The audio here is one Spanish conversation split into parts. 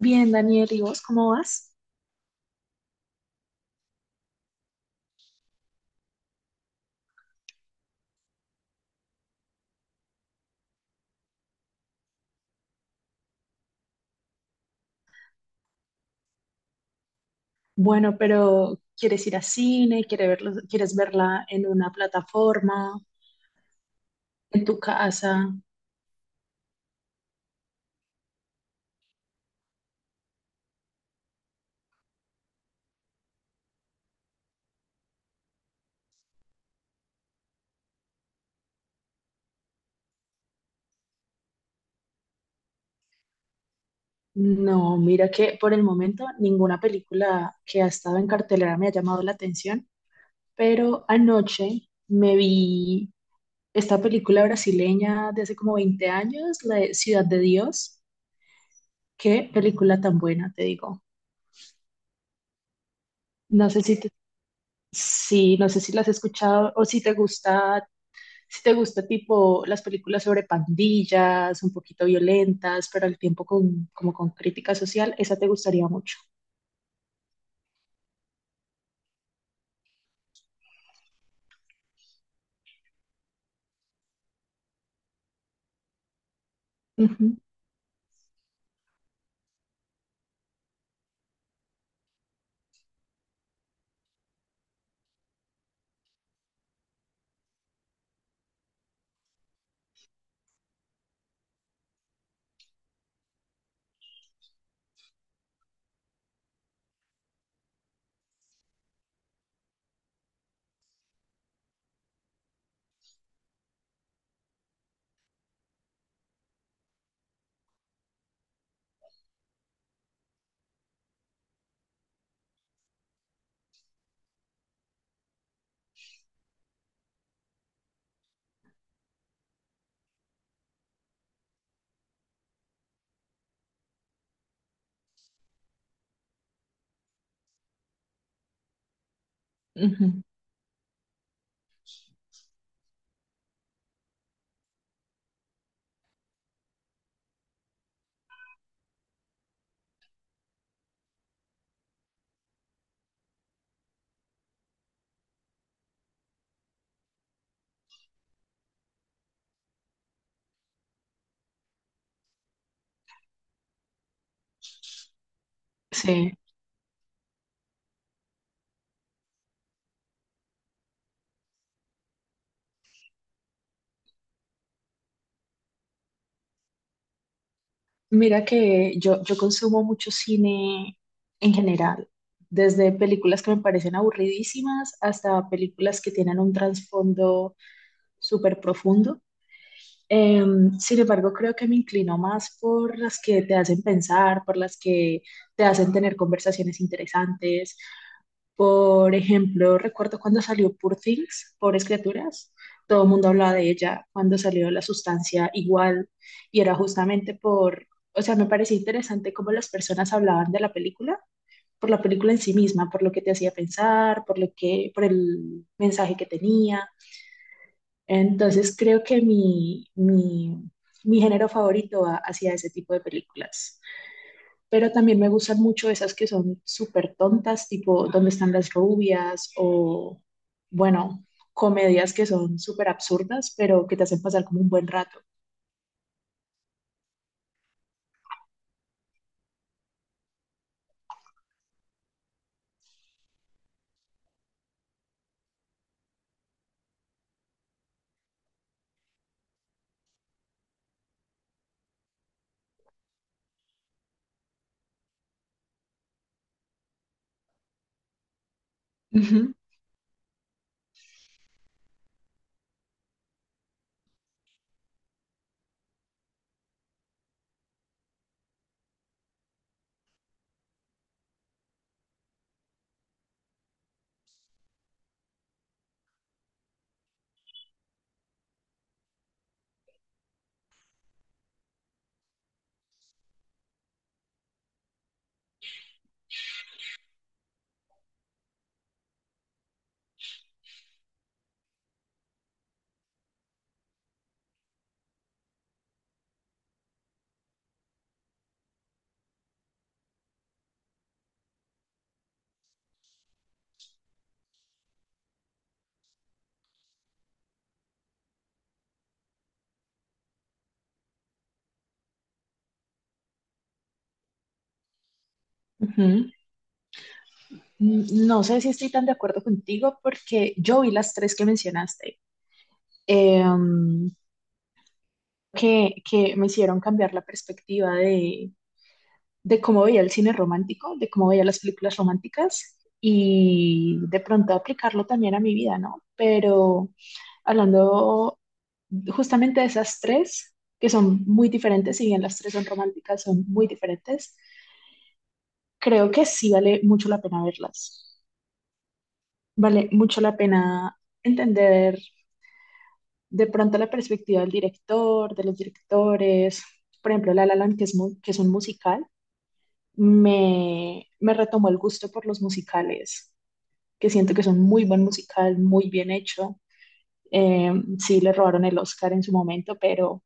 Bien, Daniel, ¿y vos cómo vas? Bueno, pero ¿quieres ir a cine? ¿Quieres verla en una plataforma? ¿En tu casa? No, mira que por el momento ninguna película que ha estado en cartelera me ha llamado la atención, pero anoche me vi esta película brasileña de hace como 20 años, la de Ciudad de Dios. Qué película tan buena, te digo. No sé si te- sí, no sé si la has escuchado o si te gusta tipo las películas sobre pandillas, un poquito violentas, pero al tiempo con, como con crítica social, esa te gustaría mucho. Ujú, ujú. Sí, mira que yo consumo mucho cine en general, desde películas que me parecen aburridísimas hasta películas que tienen un trasfondo súper profundo. Sin embargo, creo que me inclino más por las que te hacen pensar, por las que te hacen tener conversaciones interesantes. Por ejemplo, recuerdo cuando salió Poor Things, Pobres Criaturas, todo el mundo hablaba de ella cuando salió La Sustancia igual, y era justamente por, o sea, me parecía interesante cómo las personas hablaban de la película, por la película en sí misma, por lo que te hacía pensar, por lo que, por el mensaje que tenía. Entonces creo que mi género favorito va hacia ese tipo de películas, pero también me gustan mucho esas que son súper tontas, tipo ¿Dónde están las rubias? O, bueno, comedias que son súper absurdas, pero que te hacen pasar como un buen rato. Ujú. Ujú. No sé si estoy tan de acuerdo contigo porque yo vi las tres que mencionaste, em, que me hicieron cambiar la perspectiva de cómo veía el cine romántico, de cómo veía las películas románticas y de pronto aplicarlo también a mi vida, ¿no? Pero hablando justamente de esas tres, que son muy diferentes, si bien las tres son románticas, son muy diferentes, creo que sí vale mucho la pena verlas. Vale mucho la pena entender de pronto la perspectiva del director, de los directores. Por ejemplo, La La Land, que es, un musical, me retomó el gusto por los musicales, que siento que son muy buen musical, muy bien hecho. Eh, sí, le robaron el Oscar en su momento, pero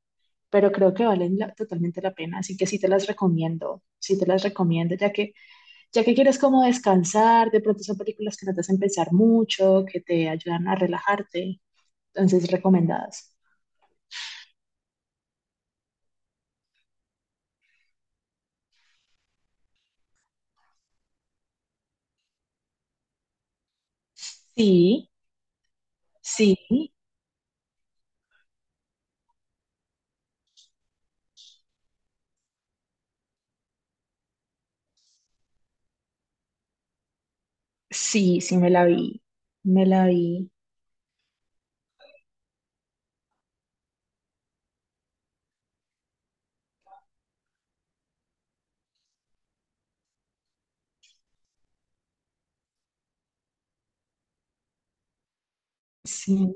pero creo que totalmente la pena, así que sí te las recomiendo, sí te las recomiendo, ya que quieres como descansar, de pronto son películas que no te hacen pensar mucho, que te ayudan a relajarte, entonces recomendadas. Sí, sí, sí, sí me la vi, sí,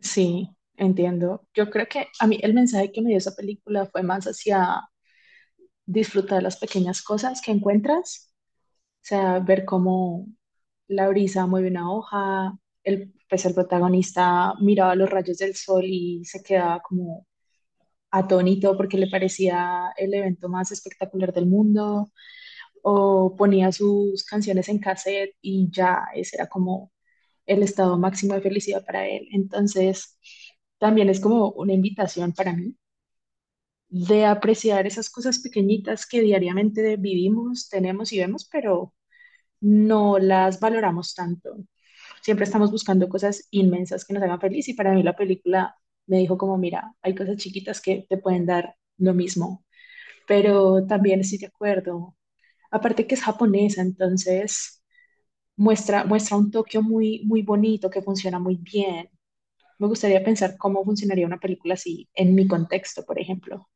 sí, entiendo. Yo creo que a mí el mensaje que me dio esa película fue más hacia disfrutar las pequeñas cosas que encuentras, sea, ver cómo la brisa mueve una hoja, pues el protagonista miraba los rayos del sol y se quedaba como atónito porque le parecía el evento más espectacular del mundo, o ponía sus canciones en cassette y ya ese era como el estado máximo de felicidad para él. Entonces, también es como una invitación para mí de apreciar esas cosas pequeñitas que diariamente vivimos, tenemos y vemos, pero no las valoramos tanto. Siempre estamos buscando cosas inmensas que nos hagan feliz y para mí la película me dijo como, mira, hay cosas chiquitas que te pueden dar lo mismo, pero también estoy de acuerdo. Aparte que es japonesa, entonces muestra un Tokio muy, muy bonito que funciona muy bien. Me gustaría pensar cómo funcionaría una película así en mi contexto, por ejemplo.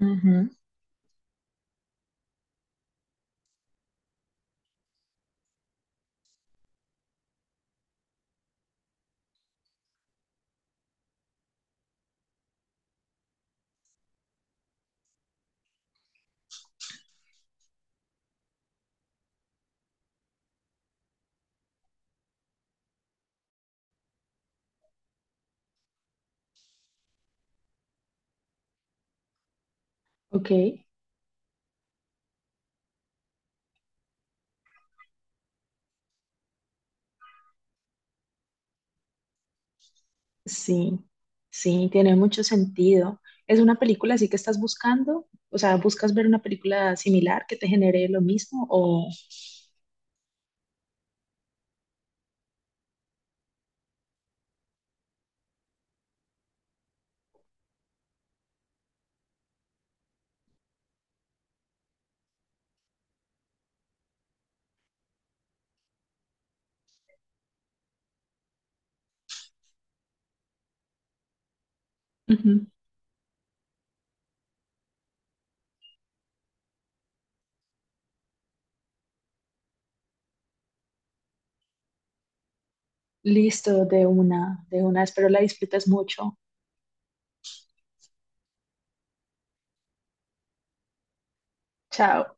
Ujú. Ok, sí, sí, tiene mucho sentido. ¿Es una película así que estás buscando? O sea, ¿buscas ver una película similar que te genere lo mismo? O Ujú. Listo, de una, espero la disfrutes mucho. Chao.